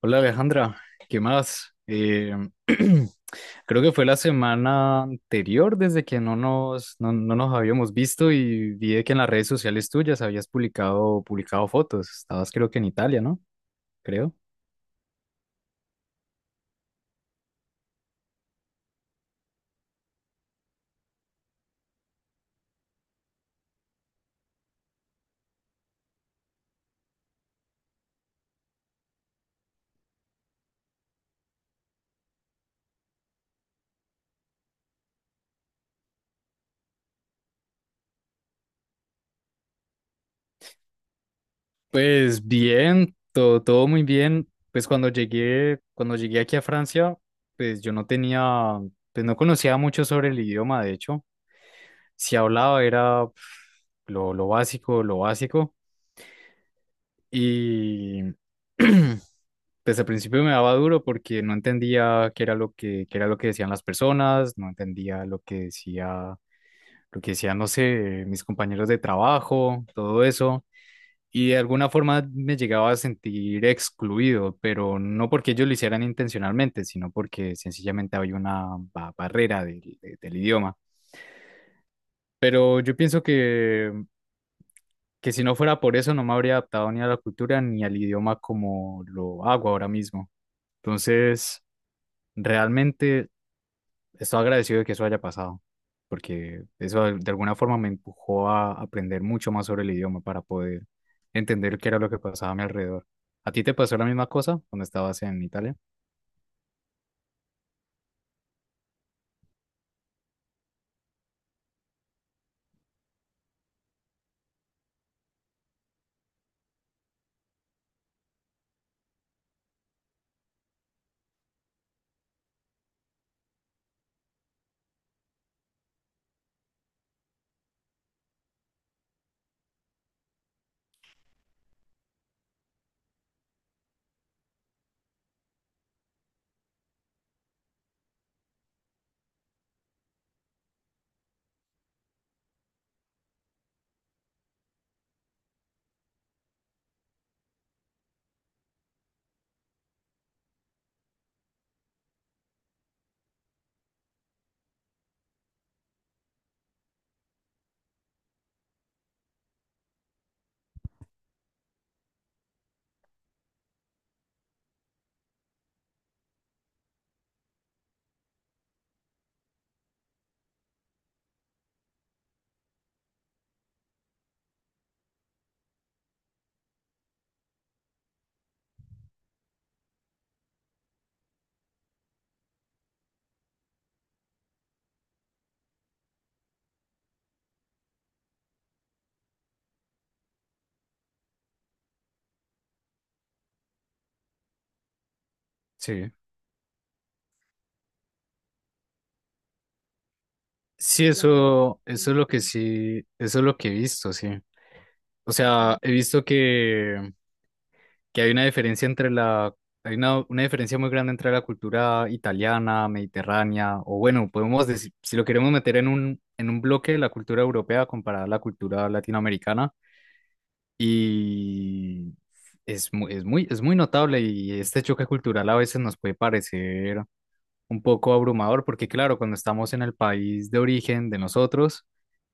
Hola Alejandra, ¿qué más? Creo que fue la semana anterior desde que no no nos habíamos visto y vi que en las redes sociales tuyas habías publicado fotos. Estabas creo que en Italia, ¿no? Creo. Pues bien, todo muy bien. Pues cuando llegué aquí a Francia, pues yo no tenía, pues no conocía mucho sobre el idioma, de hecho. Si hablaba era pf, lo básico, lo básico. Y pues al principio me daba duro porque no entendía qué era lo que decían las personas, no entendía lo que decían, no sé, mis compañeros de trabajo, todo eso. Y de alguna forma me llegaba a sentir excluido, pero no porque ellos lo hicieran intencionalmente, sino porque sencillamente había una barrera del idioma. Pero yo que si no fuera por eso, no me habría adaptado ni a la cultura ni al idioma como lo hago ahora mismo. Entonces... Realmente estoy agradecido de que eso haya pasado, porque eso de alguna forma me empujó a aprender mucho más sobre el idioma para poder entender qué era lo que pasaba a mi alrededor. ¿A ti te pasó la misma cosa cuando estabas en Italia? Sí. Sí, eso es lo que eso es lo que he visto, sí. O sea, he visto que hay una diferencia entre hay una diferencia muy grande entre la cultura italiana, mediterránea, o bueno, podemos decir, si lo queremos meter en en un bloque, la cultura europea comparada a la cultura latinoamericana, y es es muy notable y este choque cultural a veces nos puede parecer un poco abrumador, porque claro, cuando estamos en el país de origen de nosotros,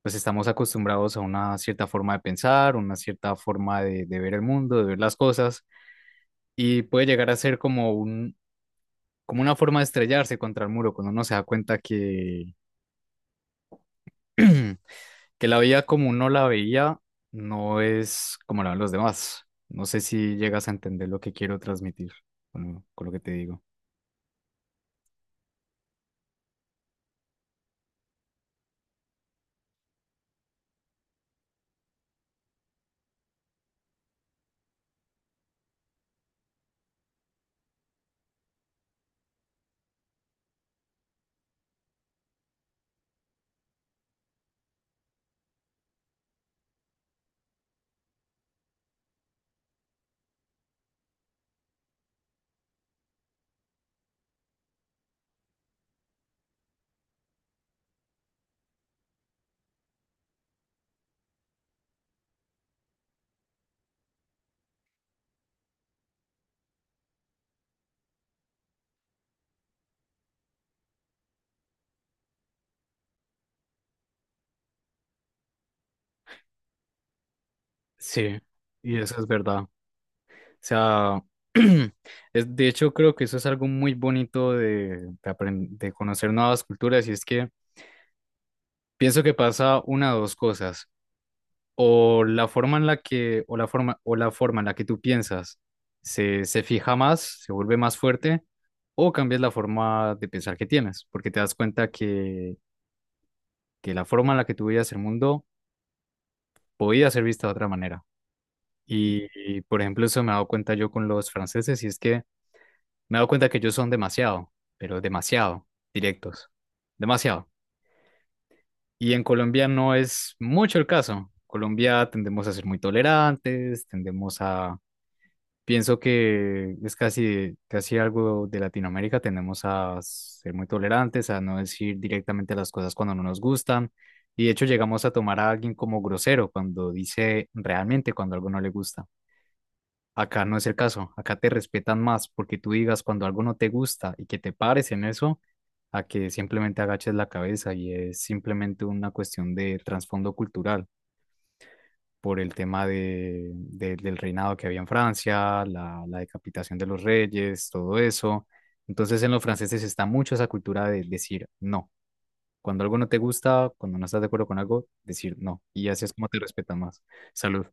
pues estamos acostumbrados a una cierta forma de pensar, una cierta forma de ver el mundo, de ver las cosas y puede llegar a ser como como una forma de estrellarse contra el muro, cuando uno se da cuenta que la vida como uno la veía no es como la ven los demás. No sé si llegas a entender lo que quiero transmitir con lo que te digo. Sí, y eso es verdad. O sea, de hecho creo que eso es algo muy bonito de conocer nuevas culturas y es que pienso que pasa una de dos cosas. O la forma en la que, o la forma en la que tú piensas se fija más, se vuelve más fuerte, o cambias la forma de pensar que tienes, porque te das que la forma en la que tú veías el mundo podía ser vista de otra manera. Y, por ejemplo, eso me he dado cuenta yo con los franceses, y es que me he dado cuenta que ellos son demasiado, pero demasiado directos, demasiado. Y en Colombia no es mucho el caso. Colombia tendemos a ser muy tolerantes, tendemos a pienso que es casi algo de Latinoamérica. Tenemos a ser muy tolerantes, a no decir directamente las cosas cuando no nos gustan. Y de hecho llegamos a tomar a alguien como grosero cuando dice realmente cuando algo no le gusta. Acá no es el caso. Acá te respetan más porque tú digas cuando algo no te gusta y que te pares en eso, a que simplemente agaches la cabeza y es simplemente una cuestión de trasfondo cultural por el tema del reinado que había en Francia, la decapitación de los reyes, todo eso. Entonces en los franceses está mucho esa cultura de decir no. Cuando algo no te gusta, cuando no estás de acuerdo con algo, decir no. Y así es como te respetan más. Salud.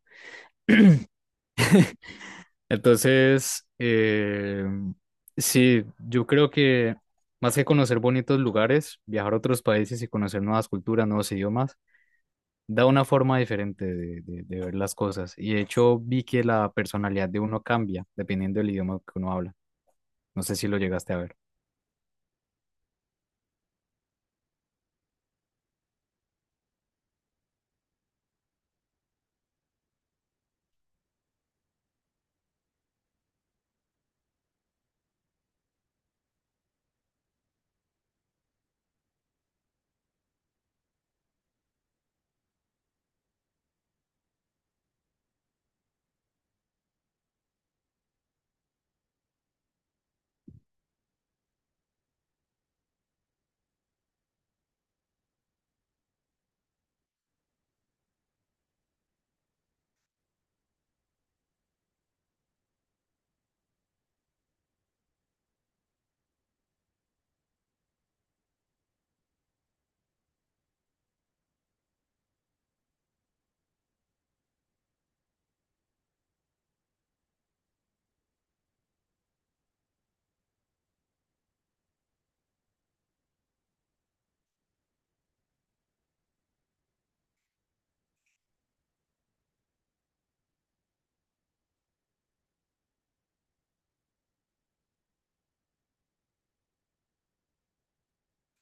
Entonces, sí, yo creo que más que conocer bonitos lugares, viajar a otros países y conocer nuevas culturas, nuevos idiomas, da una forma diferente de ver las cosas. Y de hecho vi que la personalidad de uno cambia dependiendo del idioma que uno habla. No sé si lo llegaste a ver.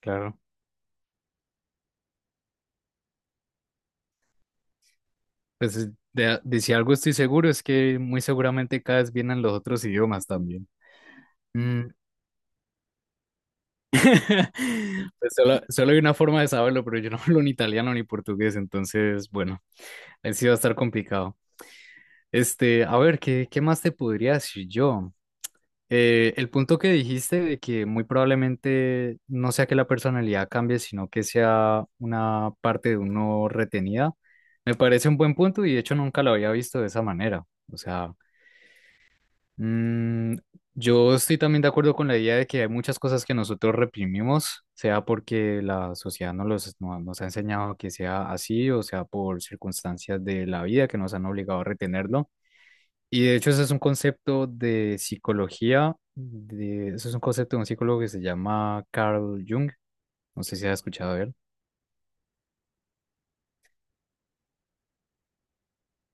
Claro. Pues de si algo estoy seguro es que muy seguramente cada vez vienen los otros idiomas también. Mm. Pues solo hay una forma de saberlo, pero yo no hablo ni italiano ni portugués, entonces, bueno, ahí sí va a estar complicado. Este, a ver, qué más te podría decir yo? El punto que dijiste de que muy probablemente no sea que la personalidad cambie, sino que sea una parte de uno retenida, me parece un buen punto y de hecho nunca lo había visto de esa manera. O sea, mm, yo estoy también de acuerdo con la idea de que hay muchas cosas que nosotros reprimimos, sea porque la sociedad nos, los, no- nos ha enseñado que sea así, o sea por circunstancias de la vida que nos han obligado a retenerlo. Y de hecho, ese es un concepto de psicología, eso es un concepto de un psicólogo que se llama Carl Jung. No sé si has escuchado de él.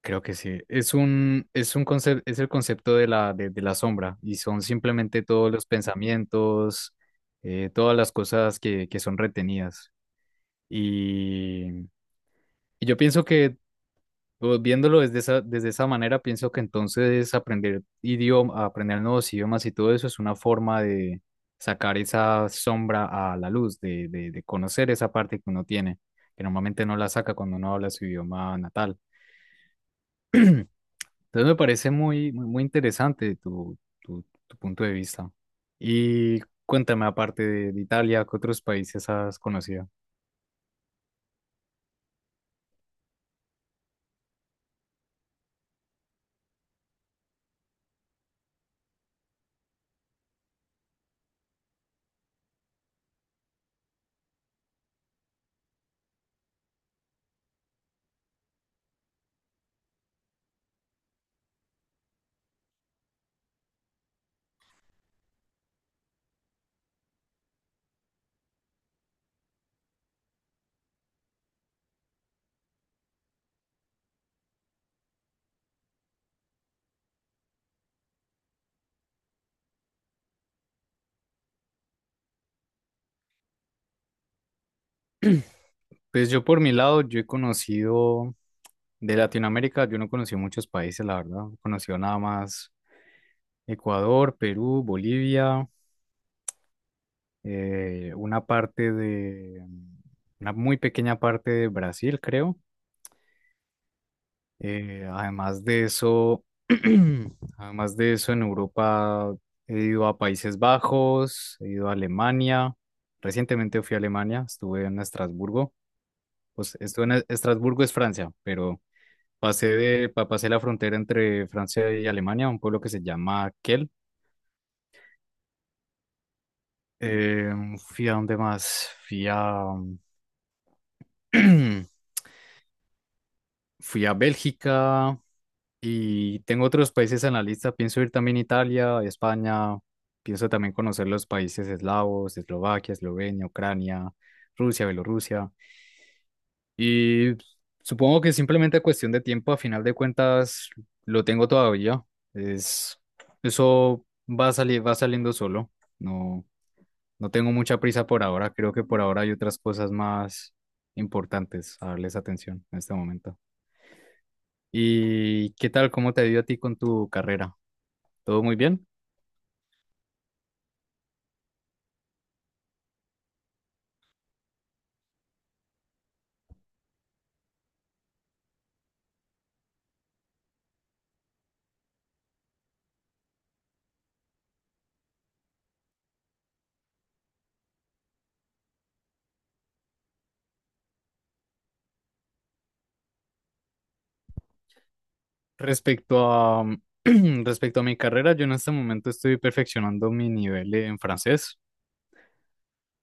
Creo que sí. Es es un concepto, es el concepto de de la sombra y son simplemente todos los pensamientos, todas las cosas que son retenidas. Y, y yo pienso que pues, viéndolo desde desde esa manera, pienso que entonces aprender idioma, aprender nuevos idiomas y todo eso es una forma de sacar esa sombra a la luz, de conocer esa parte que uno tiene, que normalmente no la saca cuando uno habla su idioma natal. Entonces me parece muy interesante tu punto de vista. Y cuéntame, aparte de Italia, ¿qué otros países has conocido? Pues yo por mi lado, yo he conocido de Latinoamérica, yo no conocí muchos países, la verdad, he conocido nada más. Ecuador, Perú, Bolivia, una parte de, una muy pequeña parte de Brasil, creo. Además de eso, además de eso, en Europa he ido a Países Bajos, he ido a Alemania. Recientemente fui a Alemania, estuve en Estrasburgo. Pues estuve en Estrasburgo es Francia, pero pasé la frontera entre Francia y Alemania, a un pueblo que se llama Kiel. Eh, fui a dónde más, fui a Bélgica y tengo otros países en la lista. Pienso ir también a Italia, España. Pienso también conocer los países eslavos, Eslovaquia, Eslovenia, Ucrania, Rusia, Bielorrusia. Y supongo que simplemente cuestión de tiempo, a final de cuentas, lo tengo todavía. Es, eso va a salir, va saliendo solo. No, no tengo mucha prisa por ahora. Creo que por ahora hay otras cosas más importantes a darles atención en este momento. ¿Y qué tal? ¿Cómo te ha ido a ti con tu carrera? ¿Todo muy bien? Respecto a, respecto a mi carrera, yo en este momento estoy perfeccionando mi nivel en francés.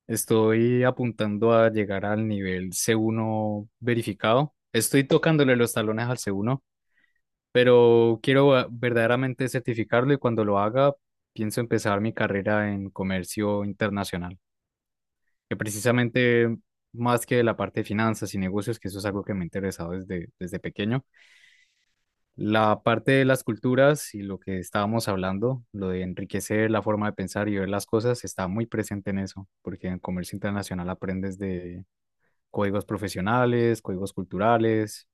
Estoy apuntando a llegar al nivel C1 verificado. Estoy tocándole los talones al C1, pero quiero verdaderamente certificarlo y cuando lo haga, pienso empezar mi carrera en comercio internacional, que precisamente más que la parte de finanzas y negocios, que eso es algo que me ha interesado desde pequeño. La parte de las culturas y lo que estábamos hablando, lo de enriquecer la forma de pensar y ver las cosas, está muy presente en eso, porque en comercio internacional aprendes de códigos profesionales, códigos culturales.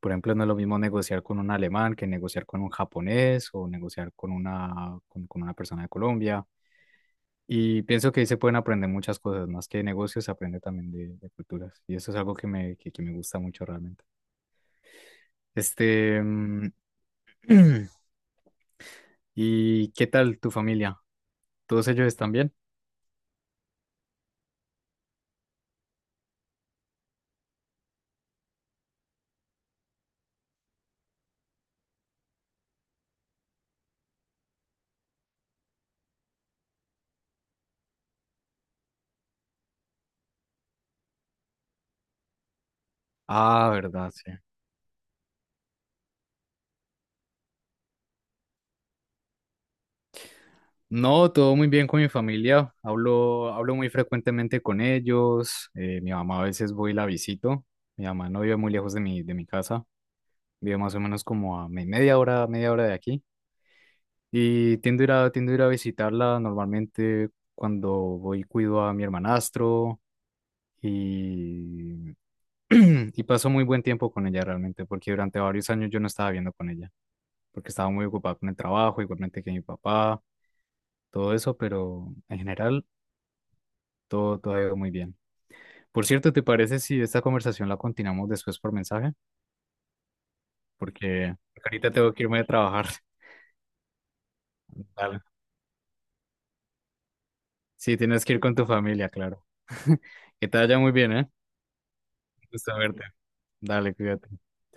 Por ejemplo, no es lo mismo negociar con un alemán que negociar con un japonés o negociar con con una persona de Colombia. Y pienso que ahí se pueden aprender muchas cosas, más que de negocios, se aprende también de culturas. Y eso es algo que que me gusta mucho realmente. Este, mm, ¿y qué tal tu familia? ¿Todos ellos están bien? Ah, verdad, sí. No, todo muy bien con mi familia. Hablo muy frecuentemente con ellos. Mi mamá a veces voy y la visito. Mi mamá no vive muy lejos de de mi casa. Vive más o menos como media hora de aquí. Y tiendo a ir a visitarla normalmente cuando voy cuido a mi hermanastro y, y paso muy buen tiempo con ella realmente, porque durante varios años yo no estaba viviendo con ella, porque estaba muy ocupada con el trabajo, igualmente que mi papá. Todo eso, pero en general todo ha ido muy bien. Por cierto, ¿te parece si esta conversación la continuamos después por mensaje? Porque ahorita tengo que irme a trabajar. Dale. Sí, tienes que ir con tu familia, claro. Que te vaya muy bien, ¿eh? Un gusto verte. Dale, cuídate.